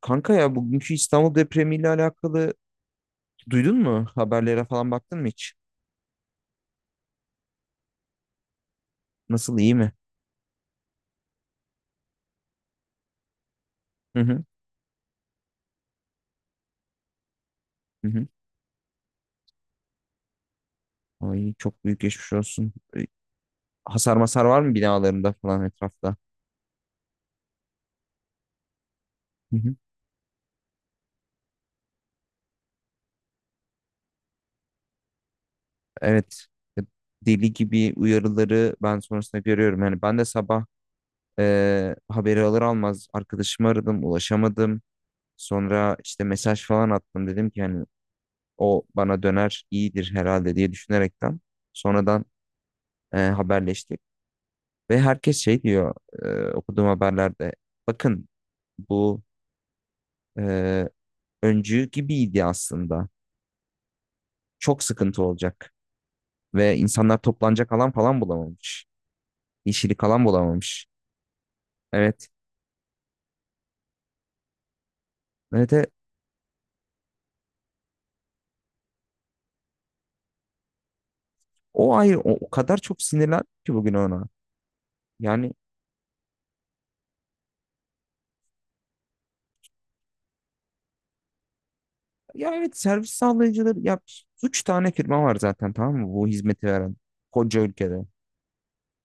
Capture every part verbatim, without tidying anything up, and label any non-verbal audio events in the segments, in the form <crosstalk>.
Kanka ya bugünkü İstanbul depremiyle alakalı duydun mu? Haberlere falan baktın mı hiç? Nasıl iyi mi? Hı hı. Hı hı. Ay çok büyük geçmiş olsun. E, Hasar masar var mı binalarında falan etrafta? Hı hı. Evet. E, Deli gibi uyarıları ben sonrasında görüyorum. Yani ben de sabah e, haberi alır almaz arkadaşımı aradım, ulaşamadım. Sonra işte mesaj falan attım dedim ki yani o bana döner iyidir herhalde diye düşünerekten sonradan e, haberleştik. Ve herkes şey diyor e, okuduğum haberlerde. Bakın bu e, öncü gibiydi aslında. Çok sıkıntı olacak. Ve insanlar toplanacak alan falan bulamamış. Yeşillik alan bulamamış. Evet. Evet. Evet. O ayrı. O, o kadar çok sinirlendim ki bugün ona. Yani ya evet, servis sağlayıcıları ya, üç tane firma var zaten, tamam mı? Bu hizmeti veren koca ülkede.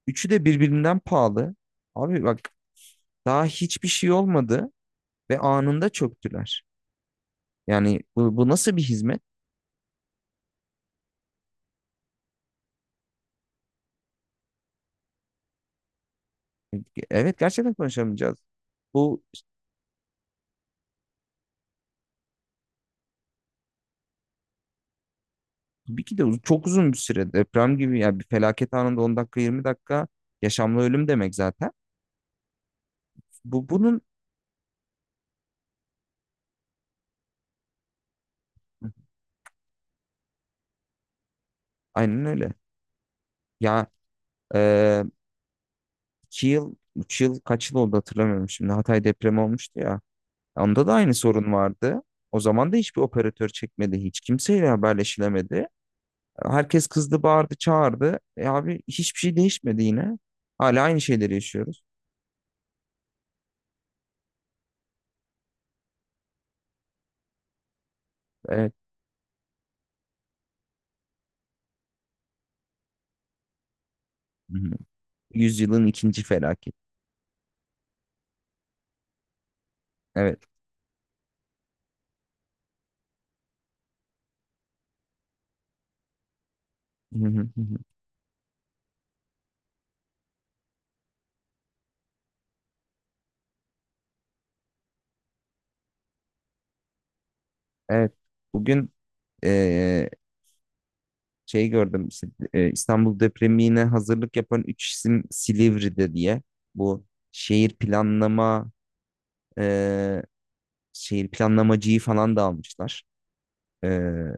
Üçü de birbirinden pahalı. Abi bak, daha hiçbir şey olmadı ve anında çöktüler. Yani bu, bu nasıl bir hizmet? Evet, gerçekten konuşamayacağız. Bu tabii ki de uz- çok uzun bir süre, deprem gibi yani bir felaket anında, on dakika yirmi dakika yaşamla ölüm demek zaten. Bu bunun aynen öyle. Ya e, iki yıl, üç yıl, kaç yıl oldu hatırlamıyorum şimdi, Hatay depremi olmuştu ya. Onda da aynı sorun vardı. O zaman da hiçbir operatör çekmedi. Hiç kimseyle haberleşilemedi. Herkes kızdı, bağırdı, çağırdı. E abi, hiçbir şey değişmedi yine. Hala aynı şeyleri yaşıyoruz. Evet. Yüzyılın ikinci felaket. Evet. Hı hı hı hı. Evet. Bugün eee, şey gördüm, işte, eee, İstanbul depremine hazırlık yapan üç isim Silivri'de diye. Bu şehir planlama, eee, şehir planlamacıyı falan da almışlar. Eee,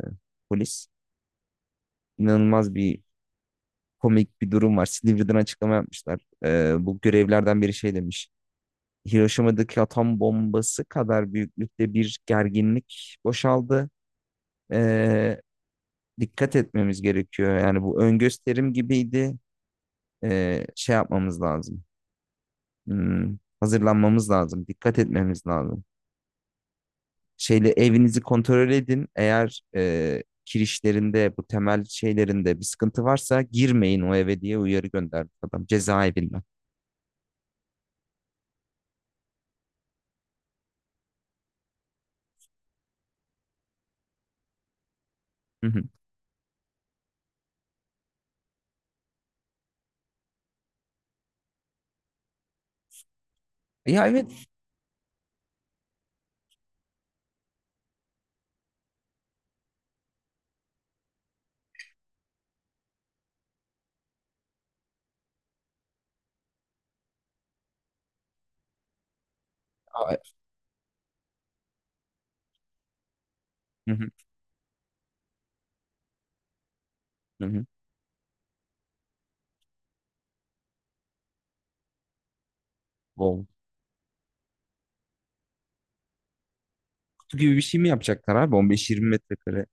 polis. İnanılmaz bir, komik bir durum var. Silivri'den açıklama yapmışlar. Eee, bu görevlerden biri şey demiş. Hiroşima'daki atom bombası kadar büyüklükte bir gerginlik boşaldı. Eee, dikkat etmemiz gerekiyor. Yani bu ön gösterim gibiydi. Ee, şey yapmamız lazım. Hmm, hazırlanmamız lazım. Dikkat etmemiz lazım. Şeyle evinizi kontrol edin. Eğer e, kirişlerinde, bu temel şeylerinde bir sıkıntı varsa girmeyin o eve diye uyarı gönderdi adam cezaevinden. Hı hı. Ya, evet. Aa. Hı hı, hı hı. Wow. Kutu gibi bir şey mi yapacaklar abi? on beş yirmi metrekare.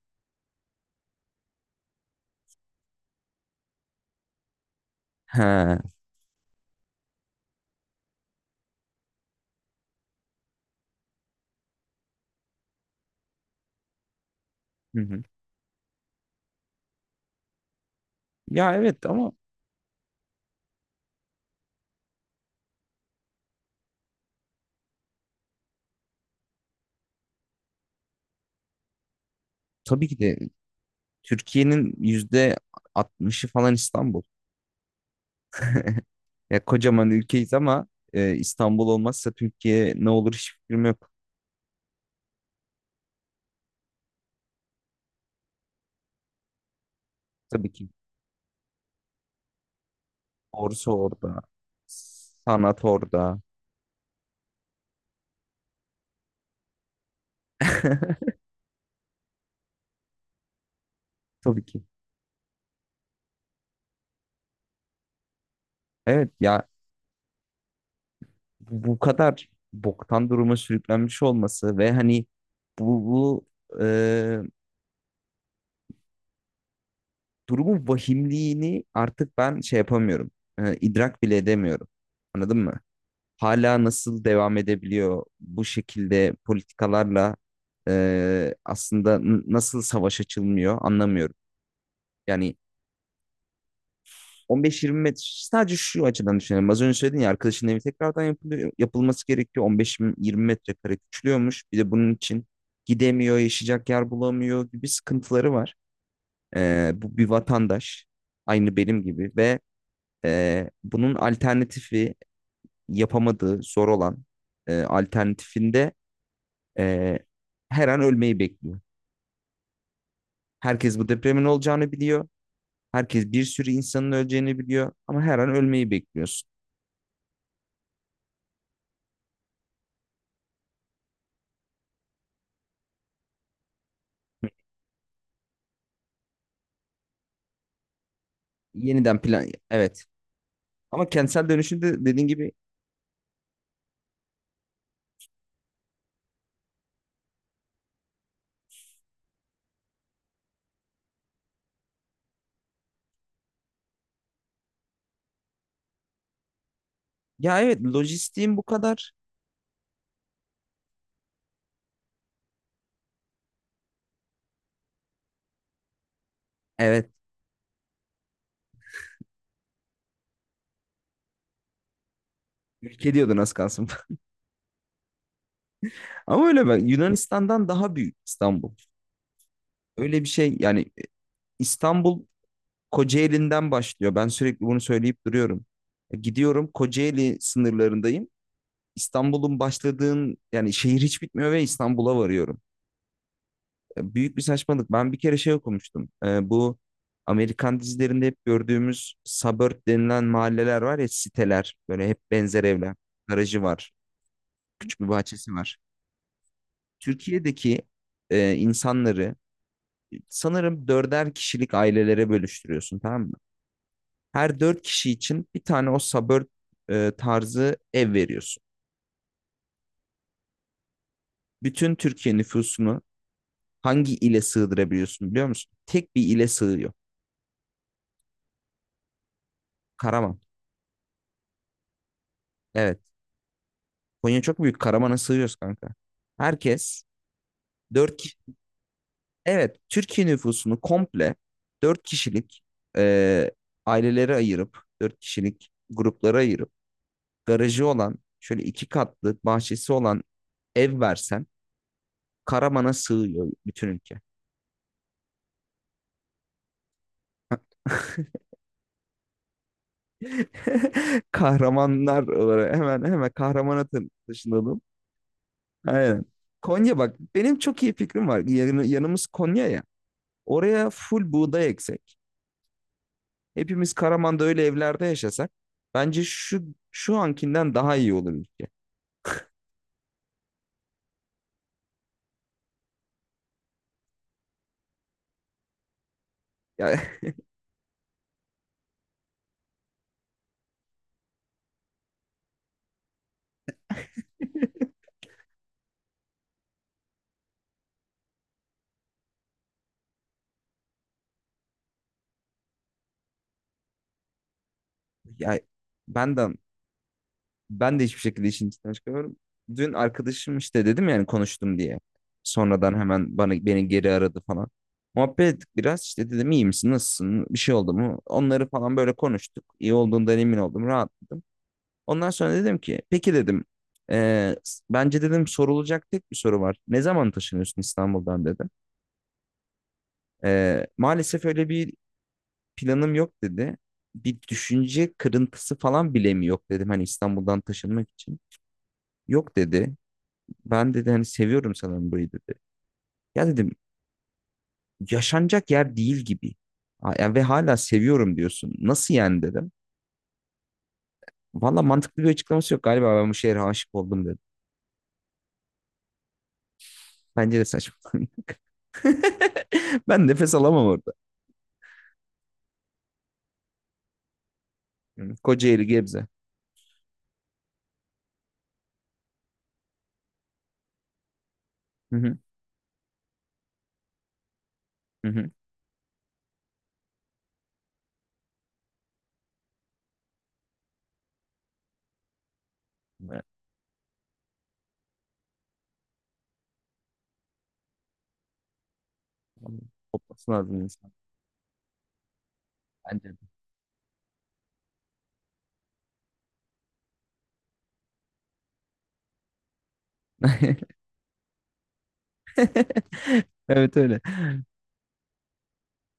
Ha. Hı hı. Ya evet, ama tabii ki de Türkiye'nin yüzde altmışı falan İstanbul. Ya kocaman ülkeyiz ama, e, İstanbul olmazsa Türkiye ne olur hiç fikrim yok. Tabii ki. Borsa orada. Sanat orada. <laughs> Tabii ki. Evet ya, bu bu kadar boktan duruma sürüklenmiş olması ve hani bu, bu e, durumun vahimliğini artık ben şey yapamıyorum. E, idrak bile edemiyorum. Anladın mı? Hala nasıl devam edebiliyor bu şekilde politikalarla e, aslında n- nasıl savaş açılmıyor anlamıyorum. Yani on beş yirmi metre, sadece şu açıdan düşünelim. Az önce söyledin ya, arkadaşın evi tekrardan yapılıyor, yapılması gerekiyor. on beş yirmi metrekare küçülüyormuş. Bir de bunun için gidemiyor, yaşayacak yer bulamıyor gibi sıkıntıları var. E, bu bir vatandaş aynı benim gibi, ve e, bunun alternatifi yapamadığı, zor olan e, alternatifinde, Ee, her an ölmeyi bekliyor. Herkes bu depremin olacağını biliyor. Herkes bir sürü insanın öleceğini biliyor. Ama her an ölmeyi bekliyorsun. Yeniden plan. Evet. Ama kentsel dönüşümde dediğin gibi, ya evet, lojistiğim bu kadar. Evet. Ülke diyordun az kalsın. <laughs> Ama öyle, ben Yunanistan'dan daha büyük İstanbul. Öyle bir şey yani. İstanbul Kocaeli'nden başlıyor. Ben sürekli bunu söyleyip duruyorum. E, Gidiyorum, Kocaeli sınırlarındayım. İstanbul'un başladığın yani şehir hiç bitmiyor ve İstanbul'a varıyorum. e, büyük bir saçmalık. Ben bir kere şey okumuştum. E, bu Amerikan dizilerinde hep gördüğümüz suburb denilen mahalleler var ya, siteler. Böyle hep benzer evler. Garajı var. Küçük bir bahçesi var. Türkiye'deki e, insanları sanırım dörder kişilik ailelere bölüştürüyorsun, tamam mı? Her dört kişi için bir tane o suburb e, tarzı ev veriyorsun. Bütün Türkiye nüfusunu hangi ile sığdırabiliyorsun, biliyor musun? Tek bir ile sığıyor. Karaman. Evet. Konya çok büyük. Karaman'a sığıyoruz kanka. Herkes dört ki- evet, Türkiye nüfusunu komple dört kişilik e, ailelere ayırıp, dört kişilik gruplara ayırıp, garajı olan, şöyle iki katlı, bahçesi olan ev versen, Karaman'a sığıyor bütün ülke. <laughs> Kahramanlar olarak, hemen hemen Kahraman'a tı- taşınalım. Aynen. Konya bak, benim çok iyi fikrim var. Yan- yanımız Konya ya. Oraya full buğday eksek. Hepimiz Karaman'da öyle evlerde yaşasak, bence şu şu ankinden daha iyi olur ülke. Ya. <laughs> Ya ben de ben de hiçbir şekilde işin içinden çıkamıyorum. Dün arkadaşım, işte dedim yani, konuştum diye. Sonradan hemen bana, beni geri aradı falan. Muhabbet ettik biraz, işte dedim iyi misin, nasılsın, bir şey oldu mu? Onları falan böyle konuştuk. İyi olduğundan emin oldum, rahatladım. Ondan sonra dedim ki, peki dedim, "eee, bence dedim, sorulacak tek bir soru var. Ne zaman taşınıyorsun İstanbul'dan, dedim. Eee, maalesef öyle bir planım yok, dedi. Bir düşünce kırıntısı falan bile mi yok dedim, hani İstanbul'dan taşınmak için. Yok, dedi. Ben, dedi, hani seviyorum sanırım burayı, dedi. Ya dedim, yaşanacak yer değil gibi. Ha, ya ve hala seviyorum diyorsun. Nasıl yani, dedim. Valla mantıklı bir açıklaması yok, galiba ben bu şehre aşık oldum, dedim. Bence de saçma. <laughs> Ben nefes alamam orada. Hı. Kocaeli, Gebze. Hı hı, hı hı. Evet. Kopması lazım insan. Bence de. <laughs> Evet öyle.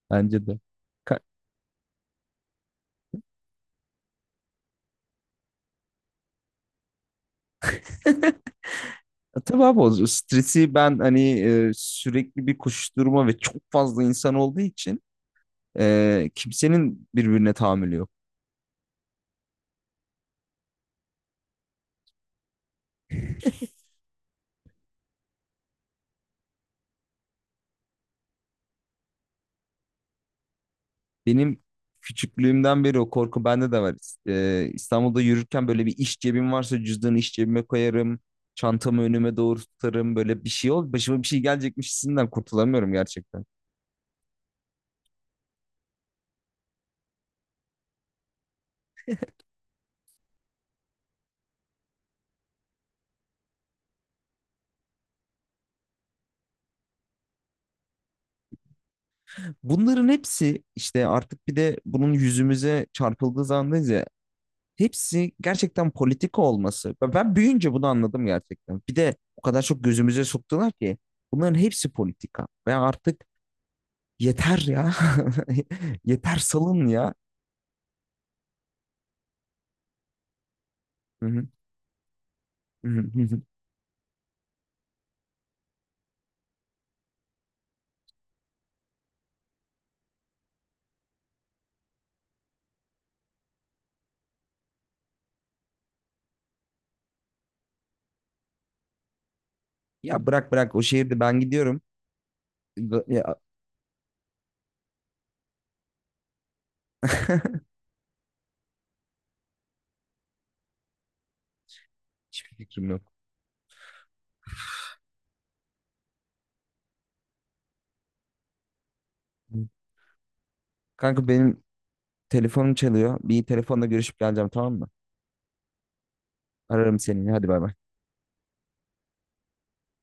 Bence de. Ka- Tabii abi, o stresi ben hani, e, sürekli bir koşuşturma ve çok fazla insan olduğu için, e, kimsenin birbirine tahammülü yok. Benim küçüklüğümden beri o korku bende de var. E, İstanbul'da yürürken, böyle bir iş cebim varsa cüzdanı iş cebime koyarım. Çantamı önüme doğru tutarım. Böyle bir şey ol. Başıma bir şey gelecekmiş hissinden kurtulamıyorum gerçekten. Bunların hepsi işte, artık bir de bunun yüzümüze çarpıldığı zamandayız ya. Hepsi gerçekten politika olması. Ben ben büyüyünce bunu anladım gerçekten. Bir de o kadar çok gözümüze soktular ki, bunların hepsi politika. Ve artık yeter ya. <laughs> Yeter, salın ya. Hı hı, hı hı, hı hı. Ya bırak bırak, o şehirde ben gidiyorum. Ya, hiçbir fikrim yok. Kanka benim telefonum çalıyor. Bir telefonla görüşüp geleceğim, tamam mı? Ararım seni. Hadi bay bay.